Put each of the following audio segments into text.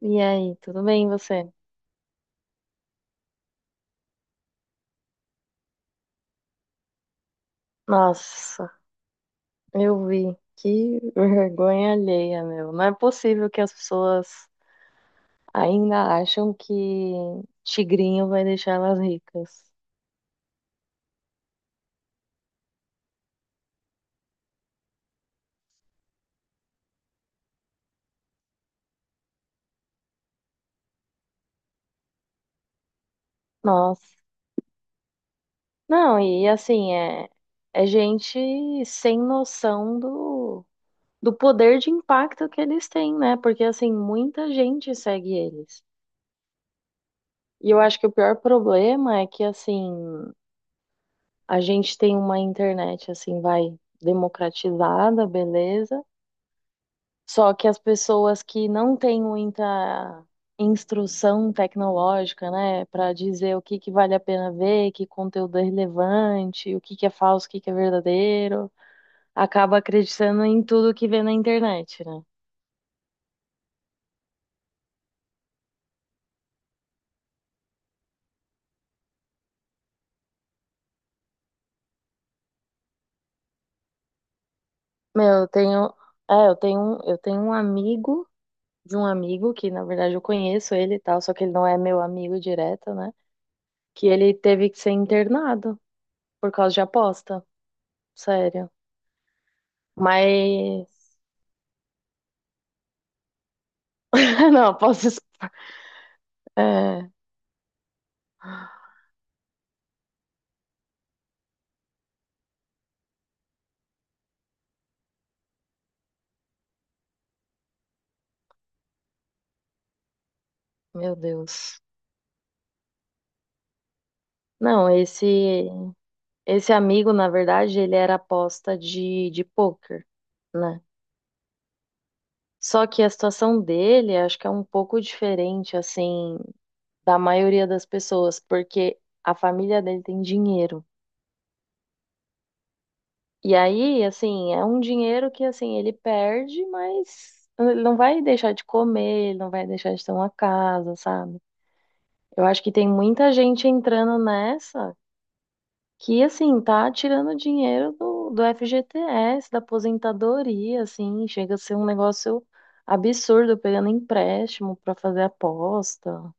E aí, tudo bem, e você? Nossa, eu vi. Que vergonha alheia, meu. Não é possível que as pessoas ainda acham que tigrinho vai deixar elas ricas. Nossa. Não, e assim, é gente sem noção do poder de impacto que eles têm, né? Porque, assim, muita gente segue eles. E eu acho que o pior problema é que, assim. A gente tem uma internet assim, vai democratizada, beleza? Só que as pessoas que não têm muita instrução tecnológica, né, para dizer o que que vale a pena ver, que conteúdo é relevante, o que que é falso, o que que é verdadeiro, acaba acreditando em tudo que vê na internet, né? Meu, eu tenho, eu tenho um amigo de um amigo que na verdade eu conheço ele e tal, só que ele não é meu amigo direto, né? Que ele teve que ser internado por causa de aposta, sério. Mas. Não, É, meu Deus. Não, esse amigo, na verdade, ele era aposta de poker né? Só que a situação dele, acho que é um pouco diferente, assim, da maioria das pessoas, porque a família dele tem dinheiro. E aí, assim, é um dinheiro que, assim, ele perde, mas ele não vai deixar de comer, ele não vai deixar de ter uma casa, sabe? Eu acho que tem muita gente entrando nessa que, assim, tá tirando dinheiro do FGTS, da aposentadoria, assim, chega a ser um negócio absurdo, pegando empréstimo pra fazer aposta.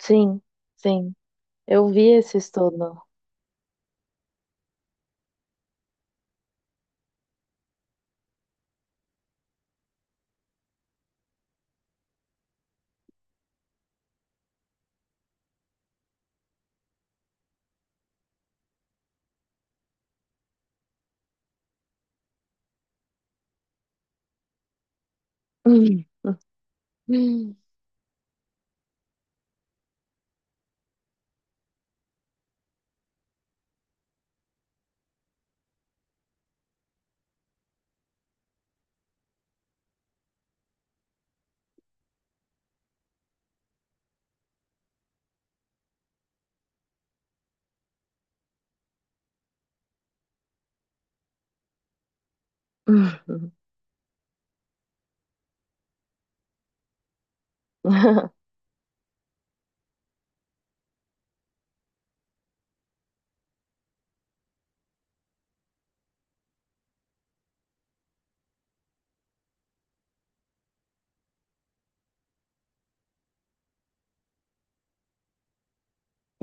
Sim, sim, eu vi esse estudo.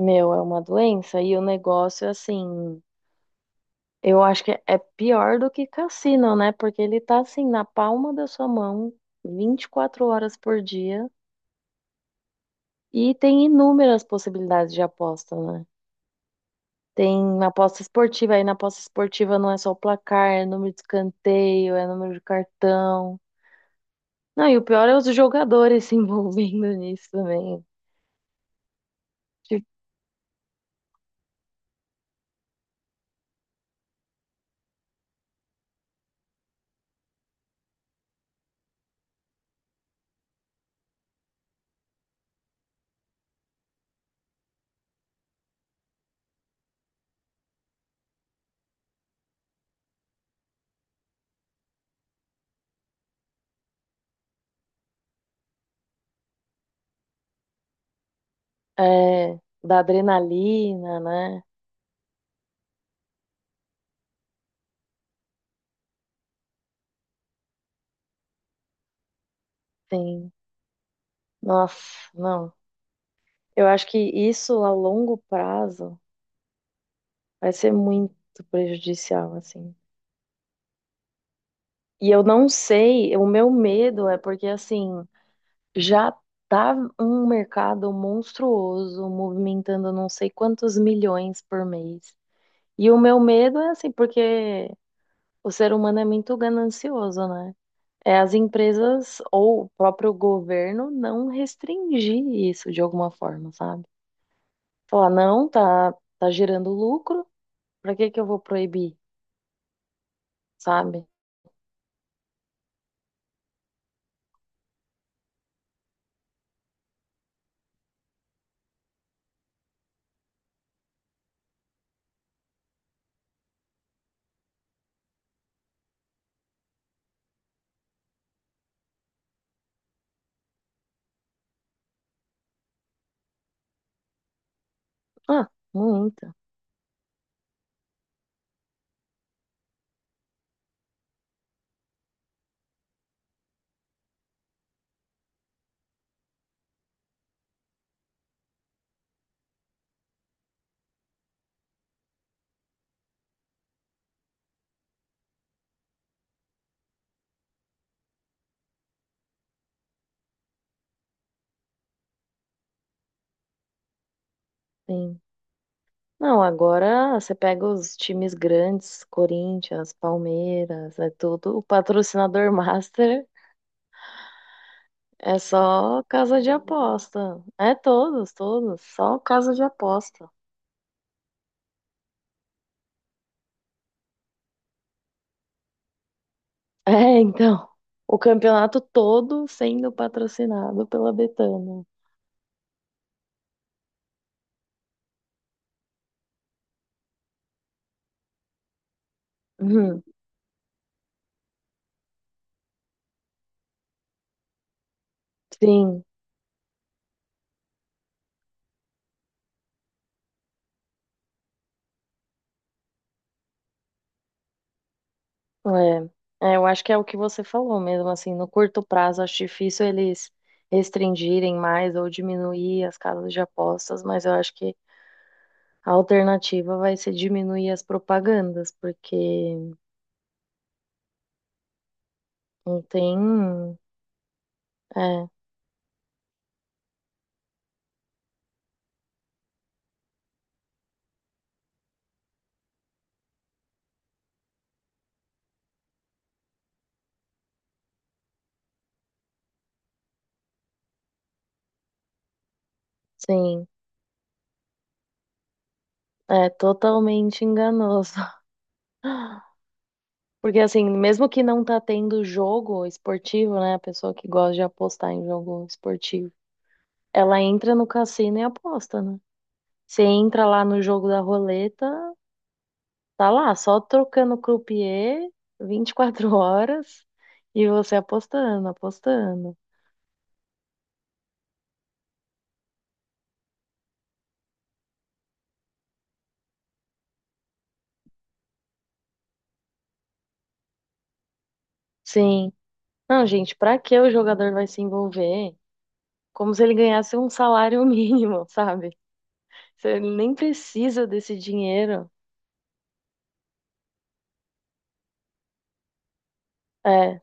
Meu, é uma doença e o negócio, assim, eu acho que é pior do que cassino, né? Porque ele tá, assim, na palma da sua mão, 24 horas por dia. E tem inúmeras possibilidades de aposta, né? Tem aposta esportiva, aí na aposta esportiva não é só o placar, é número de escanteio, é número de cartão. Não, e o pior é os jogadores se envolvendo nisso também. Tipo, é, da adrenalina, né? Tem. Nossa, não. Eu acho que isso a longo prazo vai ser muito prejudicial, assim. E eu não sei, o meu medo é porque, assim. Já tá um mercado monstruoso, movimentando não sei quantos milhões por mês. E o meu medo é assim, porque o ser humano é muito ganancioso, né? É as empresas ou o próprio governo não restringir isso de alguma forma, sabe? Falar, não, tá gerando lucro, pra que que eu vou proibir, sabe? Ah, muita, sim. Não, agora você pega os times grandes, Corinthians, Palmeiras, é tudo. O patrocinador master é só casa de aposta. Todos, só casa de aposta. É, então, o campeonato todo sendo patrocinado pela Betano. Uhum, sim, é. É, eu acho que é o que você falou mesmo, assim, no curto prazo acho difícil eles restringirem mais ou diminuir as casas de apostas, mas eu acho que a alternativa vai ser diminuir as propagandas, porque não tem. É, sim. É totalmente enganoso. Porque, assim, mesmo que não tá tendo jogo esportivo, né? A pessoa que gosta de apostar em jogo esportivo, ela entra no cassino e aposta, né? Você entra lá no jogo da roleta, tá lá, só trocando croupier 24 horas e você apostando, apostando. Sim. Não, gente, pra que o jogador vai se envolver? Como se ele ganhasse um salário mínimo, sabe? Se ele nem precisa desse dinheiro. É.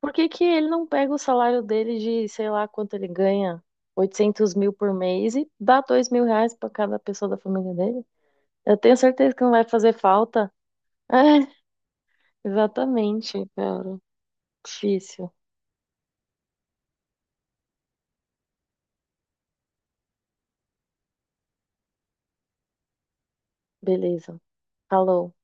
Por que que ele não pega o salário dele de, sei lá, quanto ele ganha? 800 mil por mês e dá R$ 2.000 para cada pessoa da família dele? Eu tenho certeza que não vai fazer falta. É, exatamente, cara. Difícil. Beleza. Falou.